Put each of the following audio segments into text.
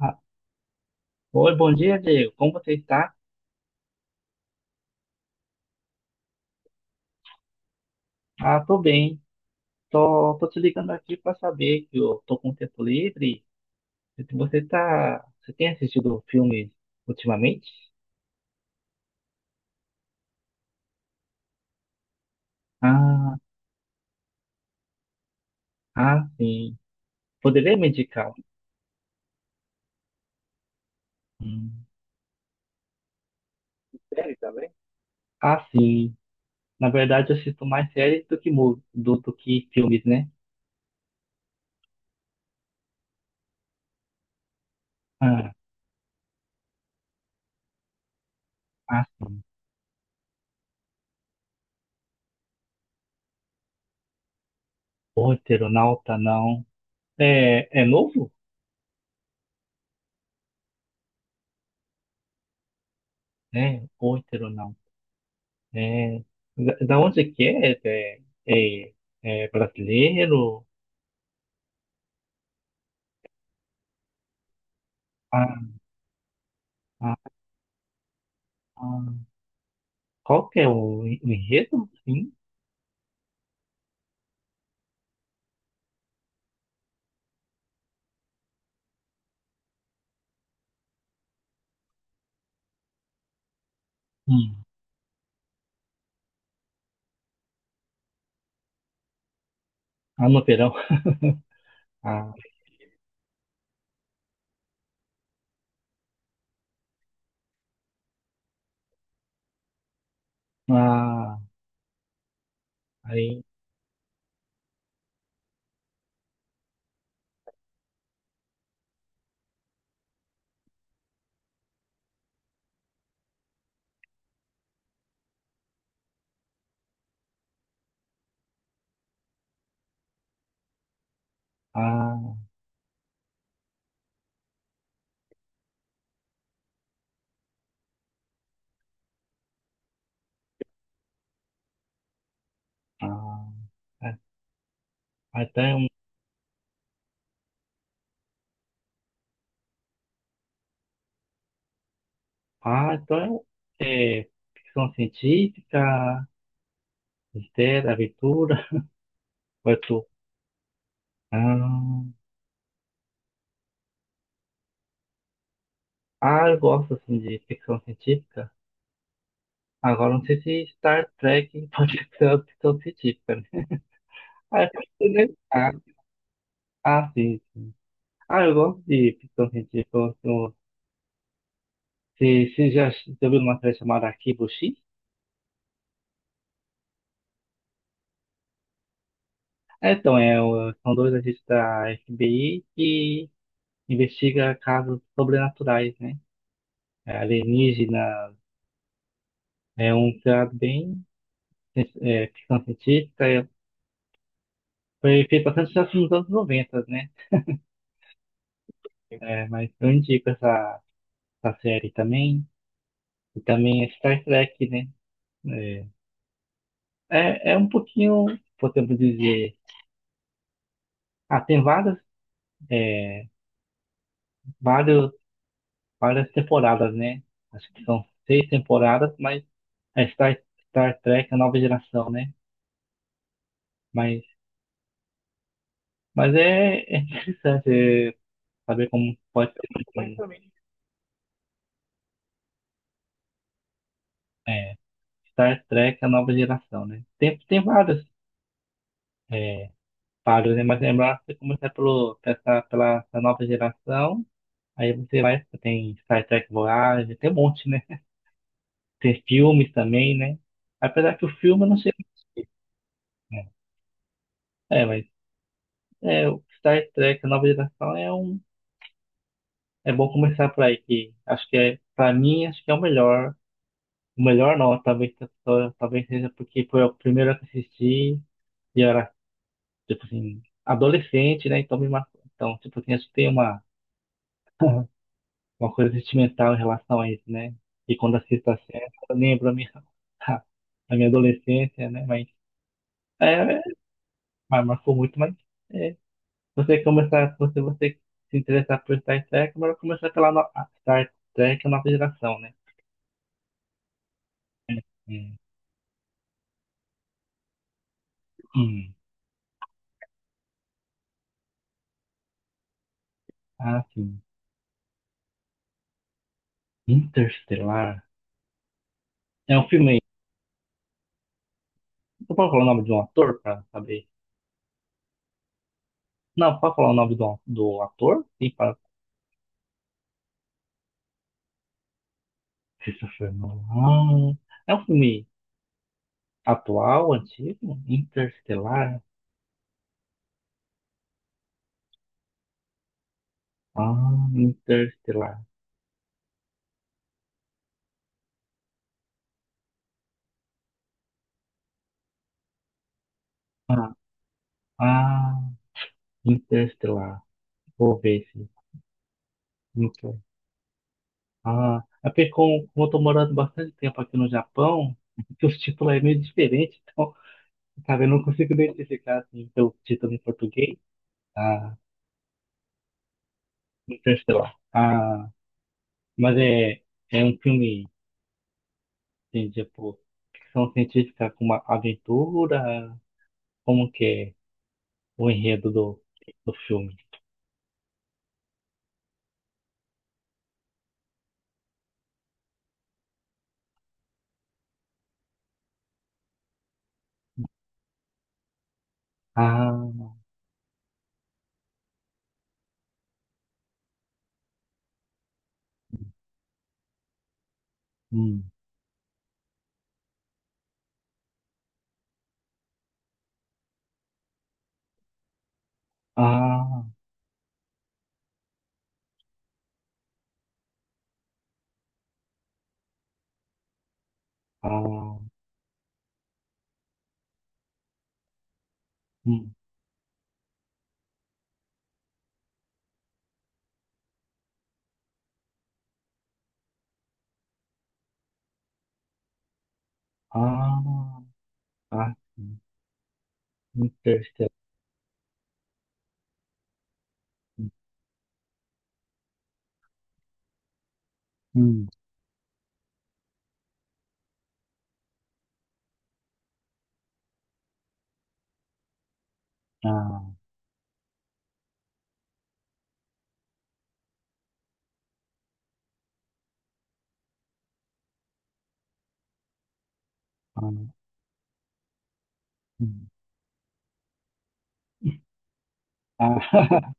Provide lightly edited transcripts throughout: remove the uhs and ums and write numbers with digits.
Ah, oi, bom dia, Diego. Como você está? Tô bem. Tô te ligando aqui para saber que eu tô com tempo livre. Se você tá, você tem assistido filmes ultimamente? Ah, sim. Poderia me indicar? Hum, Série também? Ah, sim. Na verdade, eu assisto mais séries do que do que filmes, né? Ah, sim. O Eternauta, não. É, é novo? É, O Eternauta. É, da onde que é? É, é brasileiro? Ah, ah, ah. Qual que é o, o enredo? Sim. Hum. Ah, no verão. Ah, ah, aí, ah, ah, ah, ah, então é um, então é, é ficção científica, mistério, aventura, vai tu. Ah, eu gosto assim de ficção científica. Agora não sei se Star Trek pode ser uma ficção científica, né? Ah, é porque, né? Sim, sim. Ah, eu gosto de ficção científica. Eu você já viu uma série chamada Arquivo X? Ah, então, é, são dois agentes da FBI que investiga casos sobrenaturais, né? É, alienígena, é um criado bem ficção científica. Foi feito bastante já nos anos 90, né? É, mas eu indico essa, essa série também. E também é Star Trek, né? É, é um pouquinho, podemos dizer. Ah, tem várias, é, vários, várias temporadas, né? Acho que são 6 temporadas, mas é Star Trek, a nova geração, né? Mas, mas é, é interessante, saber como pode ser um- é, Star Trek, a nova geração, né? Tem, tem vários, é, páreos, né? Mas lembrar, você começa pela essa nova geração, aí você vai, tem Star Trek Voyager, tem um monte, né? Tem filmes também, né? Apesar que o filme eu não sei. É, mas é, o Star Trek, a nova geração é um. É bom começar por aí, que acho que é, pra mim, acho que é o melhor. O melhor não, talvez, talvez seja porque foi o primeiro que assisti e eu era, tipo assim, adolescente, né? Então me marcou. Então, tipo assim, acho que tem uma, uma coisa sentimental em relação a isso, né? E quando assisto a série, eu lembro a minha, a minha adolescência, né? Mas, é, mas marcou muito, mas. É, você começar, se você se interessar por Star Trek, melhor começar pela a Star Trek, a nova geração, né? É, é, hum, ah, sim. Interstellar. É um filme. Você pode falar o nome de um ator pra saber? Não, pode falar o nome do ator? Sim, para Christopher Nolan. É um filme atual, antigo? Interstellar? Ah, Interstellar. Ah, ah, Interstellar. Vou ver esse. Ah, é porque como eu tô morando bastante tempo aqui no Japão, que os títulos é meio diferente, então, sabe, eu não consigo identificar assim, o título em português, ah, então, sei. Ah, mas é, é um filme, assim, tipo, ficção científica com uma aventura, como que é o enredo do, do filme? Ah, hum, ah, ah, hum, ah, sim, Interestelar, hum, ah, ah, hum. Ah,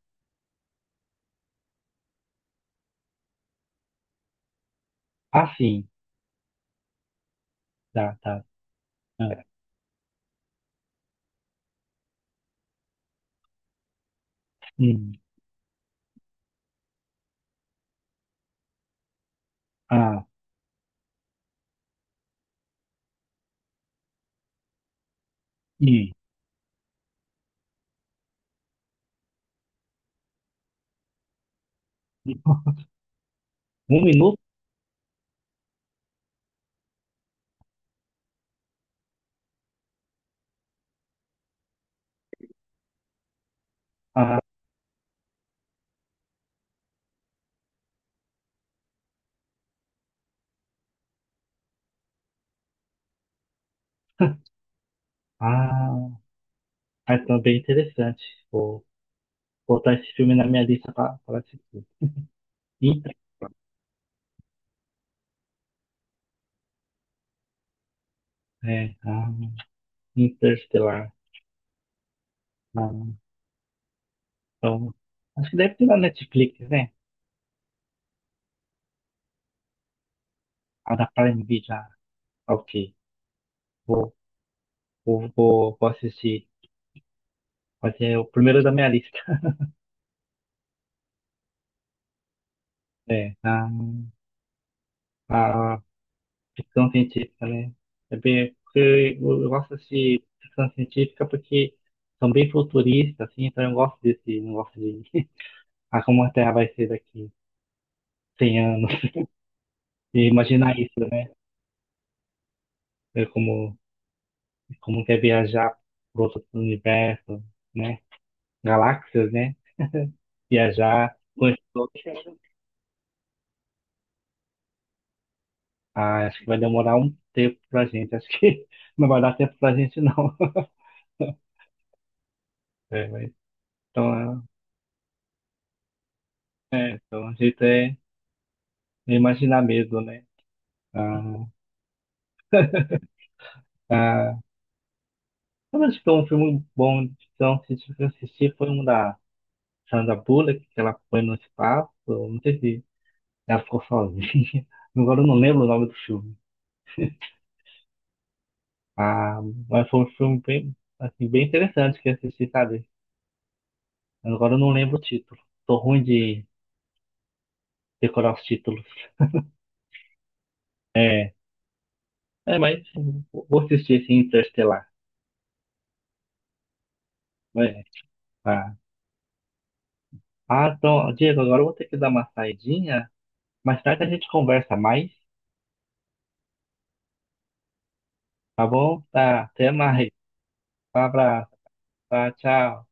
ah, sim. Tá, tá. Ah, hum, ah, hum. Um minuto? Ah, ah, é então bem interessante. Vou botar esse filme na minha lista para assistir. Inter, é, ah, Interstellar. Ah, então, acho que deve ter na Netflix, né? A da Prime Video. Ah, ok. Vou, vou assistir. Vai ser o primeiro da minha lista. É, ah, ah, ficção científica, né? É bem, porque eu gosto de ficção científica porque são bem futuristas, assim, então eu gosto desse negócio de ah, como a Terra vai ser daqui 100 anos. E imaginar isso, né? Ver como, como quer viajar para outro universo, né? Galáxias, né? Viajar, com esse outros. Ah, acho que vai demorar um tempo pra gente. Acho que não vai dar tempo pra gente, não. É, mas, então, então, a gente é imaginar mesmo, né? Ah, ah, mas acho que é um filme bom de ficção que eu assisti foi um da Sandra Bullock, que ela foi no espaço, não sei se ela ficou sozinha, agora eu não lembro o nome do filme. Ah, mas foi um filme bem, assim, bem interessante que eu assisti, sabe? Agora eu não lembro o título. Tô ruim de decorar os títulos. É, mas vou assistir esse Interestelar. É, tá. Ah, então, Diego, agora eu vou ter que dar uma saidinha. Mais tarde a gente conversa mais, tá bom? Tá, até mais. Um abraço, tá? Tchau.